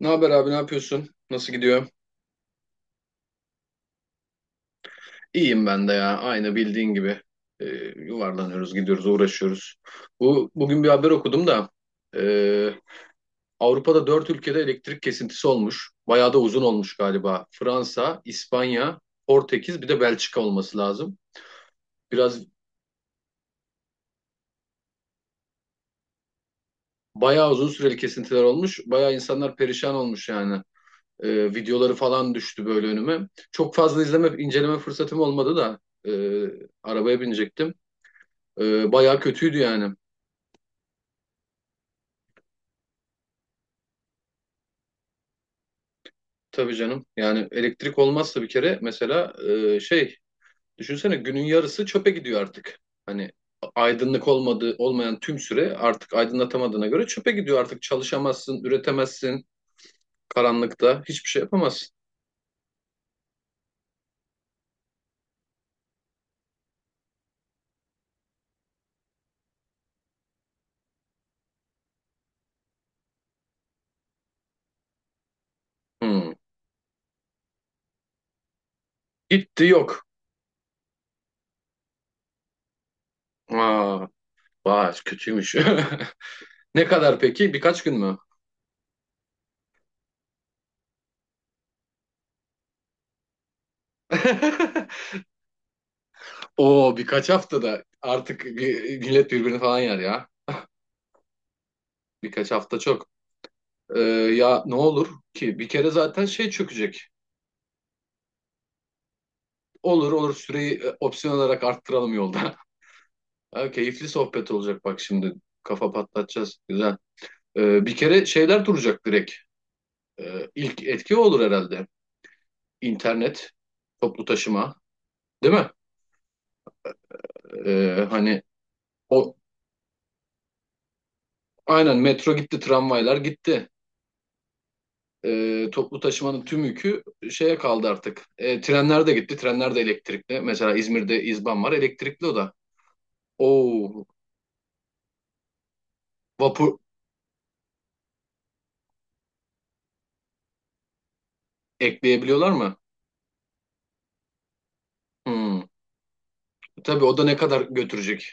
Ne haber abi, ne yapıyorsun? Nasıl gidiyor? İyiyim ben de ya. Aynı bildiğin gibi. Ee, yuvarlanıyoruz, gidiyoruz, uğraşıyoruz. Bugün bir haber okudum da ee, Avrupa'da 4 ülkede elektrik kesintisi olmuş. Bayağı da uzun olmuş galiba. Fransa, İspanya, Portekiz, bir de Belçika olması lazım. Biraz bayağı uzun süreli kesintiler olmuş. Bayağı insanlar perişan olmuş yani. Videoları falan düştü böyle önüme. Çok fazla izleme, inceleme fırsatım olmadı da arabaya binecektim. Bayağı kötüydü yani. Tabii canım. Yani elektrik olmazsa bir kere mesela e, şey düşünsene günün yarısı çöpe gidiyor artık. Hani aydınlık olmadığı olmayan tüm süre artık aydınlatamadığına göre çöpe gidiyor artık. Çalışamazsın, üretemezsin. Karanlıkta hiçbir şey yapamazsın. Hmm. Gitti yok. Aa, vay kötüymüş. Ne kadar peki? Birkaç gün mü? Oo birkaç haftada artık bir, millet birbirini falan yer ya. Birkaç hafta çok. Ee, ya ne olur ki bir kere zaten şey çökecek. Olur olur süreyi opsiyon olarak arttıralım yolda. Ha, keyifli sohbet olacak bak şimdi. Kafa patlatacağız. Güzel. Bir kere şeyler duracak direkt. İlk etki o olur herhalde. İnternet, toplu taşıma, değil mi? Hani o aynen metro gitti, tramvaylar gitti. Toplu taşımanın tüm yükü şeye kaldı artık. Trenler de gitti, trenler de elektrikli. Mesela İzmir'de İzban var, elektrikli o da. Oo, vapur, ekleyebiliyorlar mı? Hmm. Tabii o da ne kadar götürecek?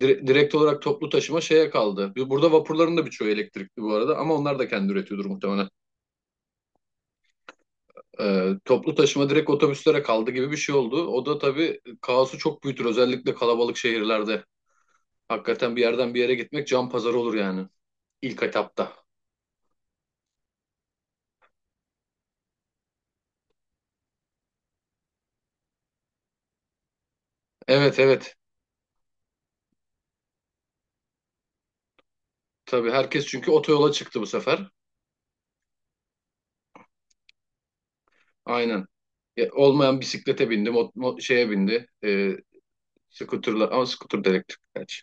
Direkt olarak toplu taşıma şeye kaldı. Burada vapurların da birçoğu elektrikli bu arada ama onlar da kendi üretiyordur muhtemelen. Toplu taşıma direkt otobüslere kaldı gibi bir şey oldu. O da tabii kaosu çok büyütür özellikle kalabalık şehirlerde. Hakikaten bir yerden bir yere gitmek can pazarı olur yani ilk etapta. Evet evet. Tabii herkes çünkü otoyola çıktı bu sefer. Aynen. Ya, olmayan bisiklete bindi, şeye bindi. Scooter'la ama scooter da elektrikli gerçi.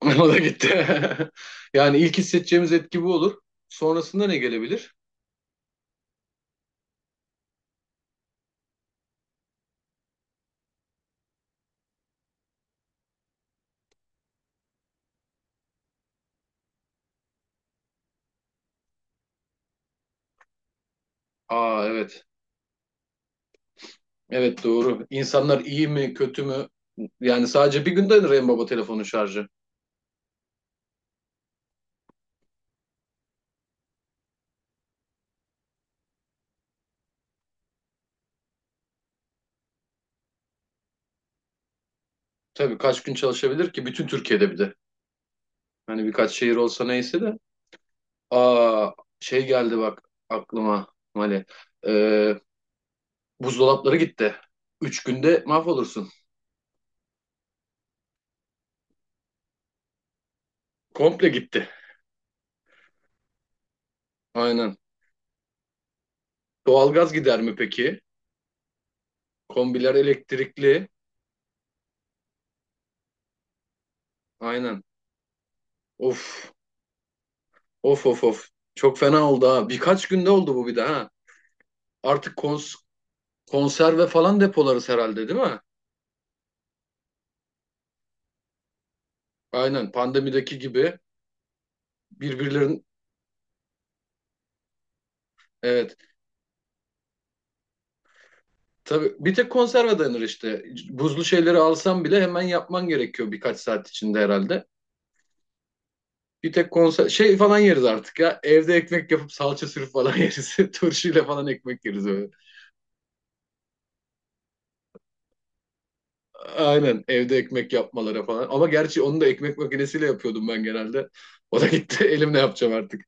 O da gitti. Yani ilk hissedeceğimiz etki bu olur. Sonrasında ne gelebilir? Aa evet. Evet doğru. İnsanlar iyi mi kötü mü? Yani sadece bir günde en baba telefonun şarjı. Tabii kaç gün çalışabilir ki? Bütün Türkiye'de bir de. Hani birkaç şehir olsa neyse de. Aa şey geldi bak aklıma Mali. Ee, buzdolapları gitti. 3 günde mahvolursun. Komple gitti. Aynen. Doğalgaz gider mi peki? Kombiler elektrikli. Aynen. Of, of of of. Çok fena oldu ha. Birkaç günde oldu bu bir de ha. Artık konserve falan depolarız herhalde değil mi? Aynen pandemideki gibi birbirlerin evet. Tabii bir tek konserve dayanır işte. Buzlu şeyleri alsam bile hemen yapman gerekiyor birkaç saat içinde herhalde. Bir tek konser şey falan yeriz artık ya. Evde ekmek yapıp salça sürüp falan yeriz. Turşuyla falan ekmek yeriz öyle. Aynen evde ekmek yapmalara falan. Ama gerçi onu da ekmek makinesiyle yapıyordum ben genelde. O da gitti. Elimle yapacağım artık.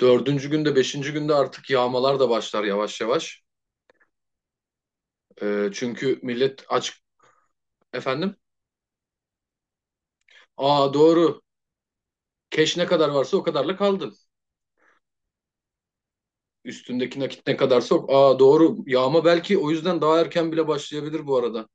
Dördüncü günde, beşinci günde artık yağmalar da başlar yavaş yavaş. Çünkü millet aç efendim. Aa doğru. Keş ne kadar varsa o kadarla kaldın. Üstündeki nakit ne kadarsa o. Aa doğru. Yağma belki o yüzden daha erken bile başlayabilir bu arada.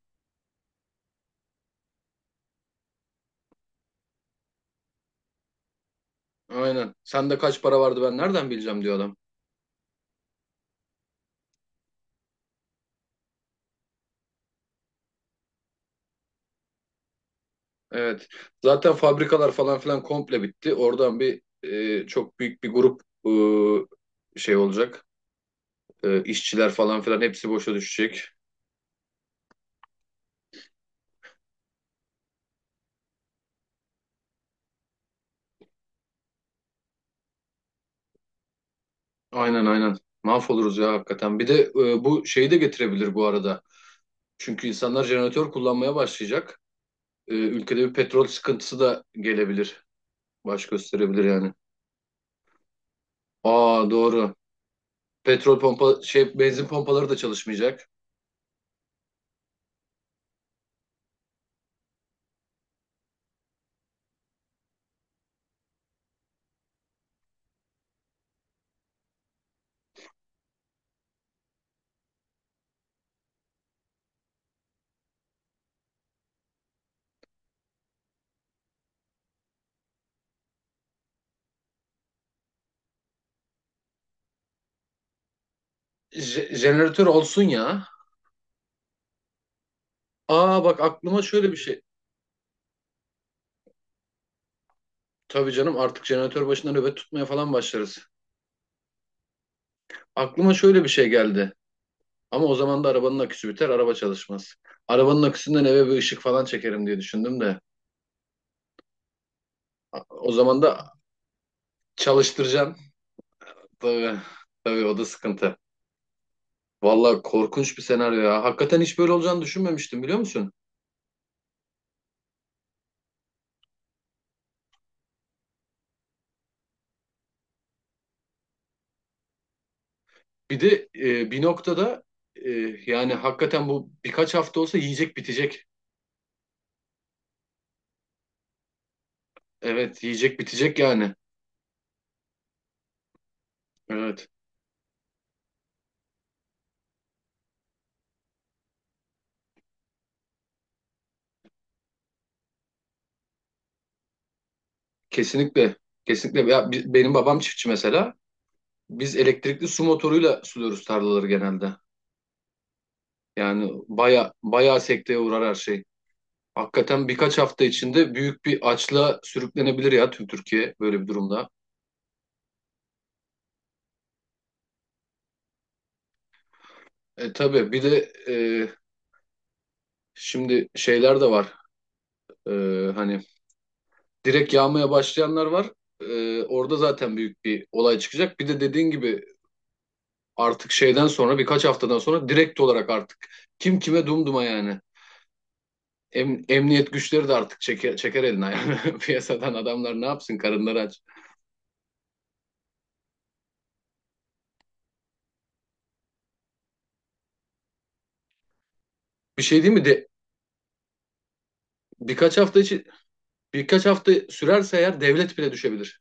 Aynen. Sende kaç para vardı ben nereden bileceğim diyor adam. Evet. Zaten fabrikalar falan filan komple bitti. Oradan bir çok büyük bir grup şey olacak. İşçiler falan filan hepsi boşa düşecek. Aynen aynen. Mahvoluruz ya hakikaten. Bir de bu şeyi de getirebilir bu arada. Çünkü insanlar jeneratör kullanmaya başlayacak. Ülkede bir petrol sıkıntısı da gelebilir. Baş gösterebilir yani. Aa doğru. Petrol pompa şey benzin pompaları da çalışmayacak. Jeneratör olsun ya. Aa bak aklıma şöyle bir şey. Tabii canım artık jeneratör başında nöbet tutmaya falan başlarız. Aklıma şöyle bir şey geldi. Ama o zaman da arabanın aküsü biter, araba çalışmaz. Arabanın aküsünden eve bir ışık falan çekerim diye düşündüm de. O zaman da çalıştıracaksın. Tabii, tabii o da sıkıntı. Vallahi korkunç bir senaryo ya. Hakikaten hiç böyle olacağını düşünmemiştim biliyor musun? Bir de bir noktada e, yani hakikaten bu birkaç hafta olsa yiyecek bitecek. Evet, yiyecek bitecek yani. Evet, kesinlikle. Kesinlikle. Ya, benim babam çiftçi mesela. Biz elektrikli su motoruyla suluyoruz tarlaları genelde. Yani baya bayağı sekteye uğrar her şey. Hakikaten birkaç hafta içinde büyük bir açla sürüklenebilir ya tüm Türkiye böyle bir durumda. E tabii bir de şimdi şeyler de var. E, hani direkt yağmaya başlayanlar var. Orada zaten büyük bir olay çıkacak. Bir de dediğin gibi artık şeyden sonra birkaç haftadan sonra direkt olarak artık kim kime dumduma yani. Emniyet güçleri de artık çeker, çeker eline yani. Piyasadan adamlar ne yapsın karınları aç. Bir şey değil mi? De, birkaç hafta için birkaç hafta sürerse eğer devlet bile düşebilir.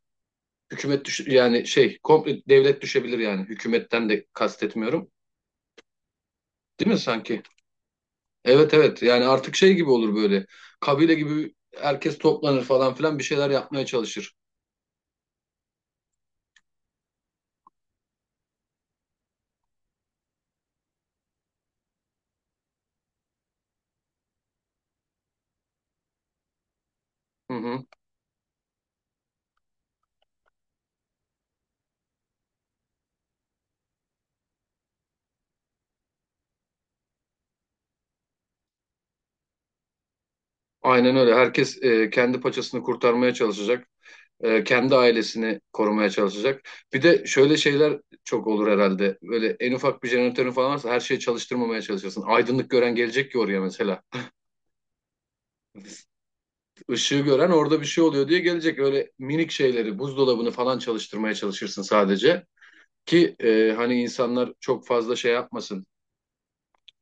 Hükümet düş yani şey komple devlet düşebilir yani hükümetten de kastetmiyorum. Değil mi sanki? Evet evet yani artık şey gibi olur böyle. Kabile gibi herkes toplanır falan filan bir şeyler yapmaya çalışır. Hı hı. Aynen öyle. Herkes kendi paçasını kurtarmaya çalışacak. Kendi ailesini korumaya çalışacak. Bir de şöyle şeyler çok olur herhalde. Böyle en ufak bir jeneratörün falan varsa her şeyi çalıştırmamaya çalışırsın. Aydınlık gören gelecek ki oraya mesela. Işığı gören orada bir şey oluyor diye gelecek. Öyle minik şeyleri buzdolabını falan çalıştırmaya çalışırsın sadece. Ki hani insanlar çok fazla şey yapmasın.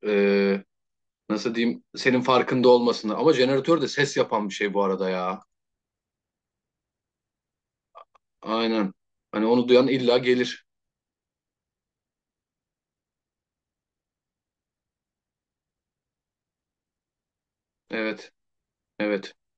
E, nasıl diyeyim senin farkında olmasın. Ama jeneratör de ses yapan bir şey bu arada ya. Aynen. Hani onu duyan illa gelir. Evet. Evet.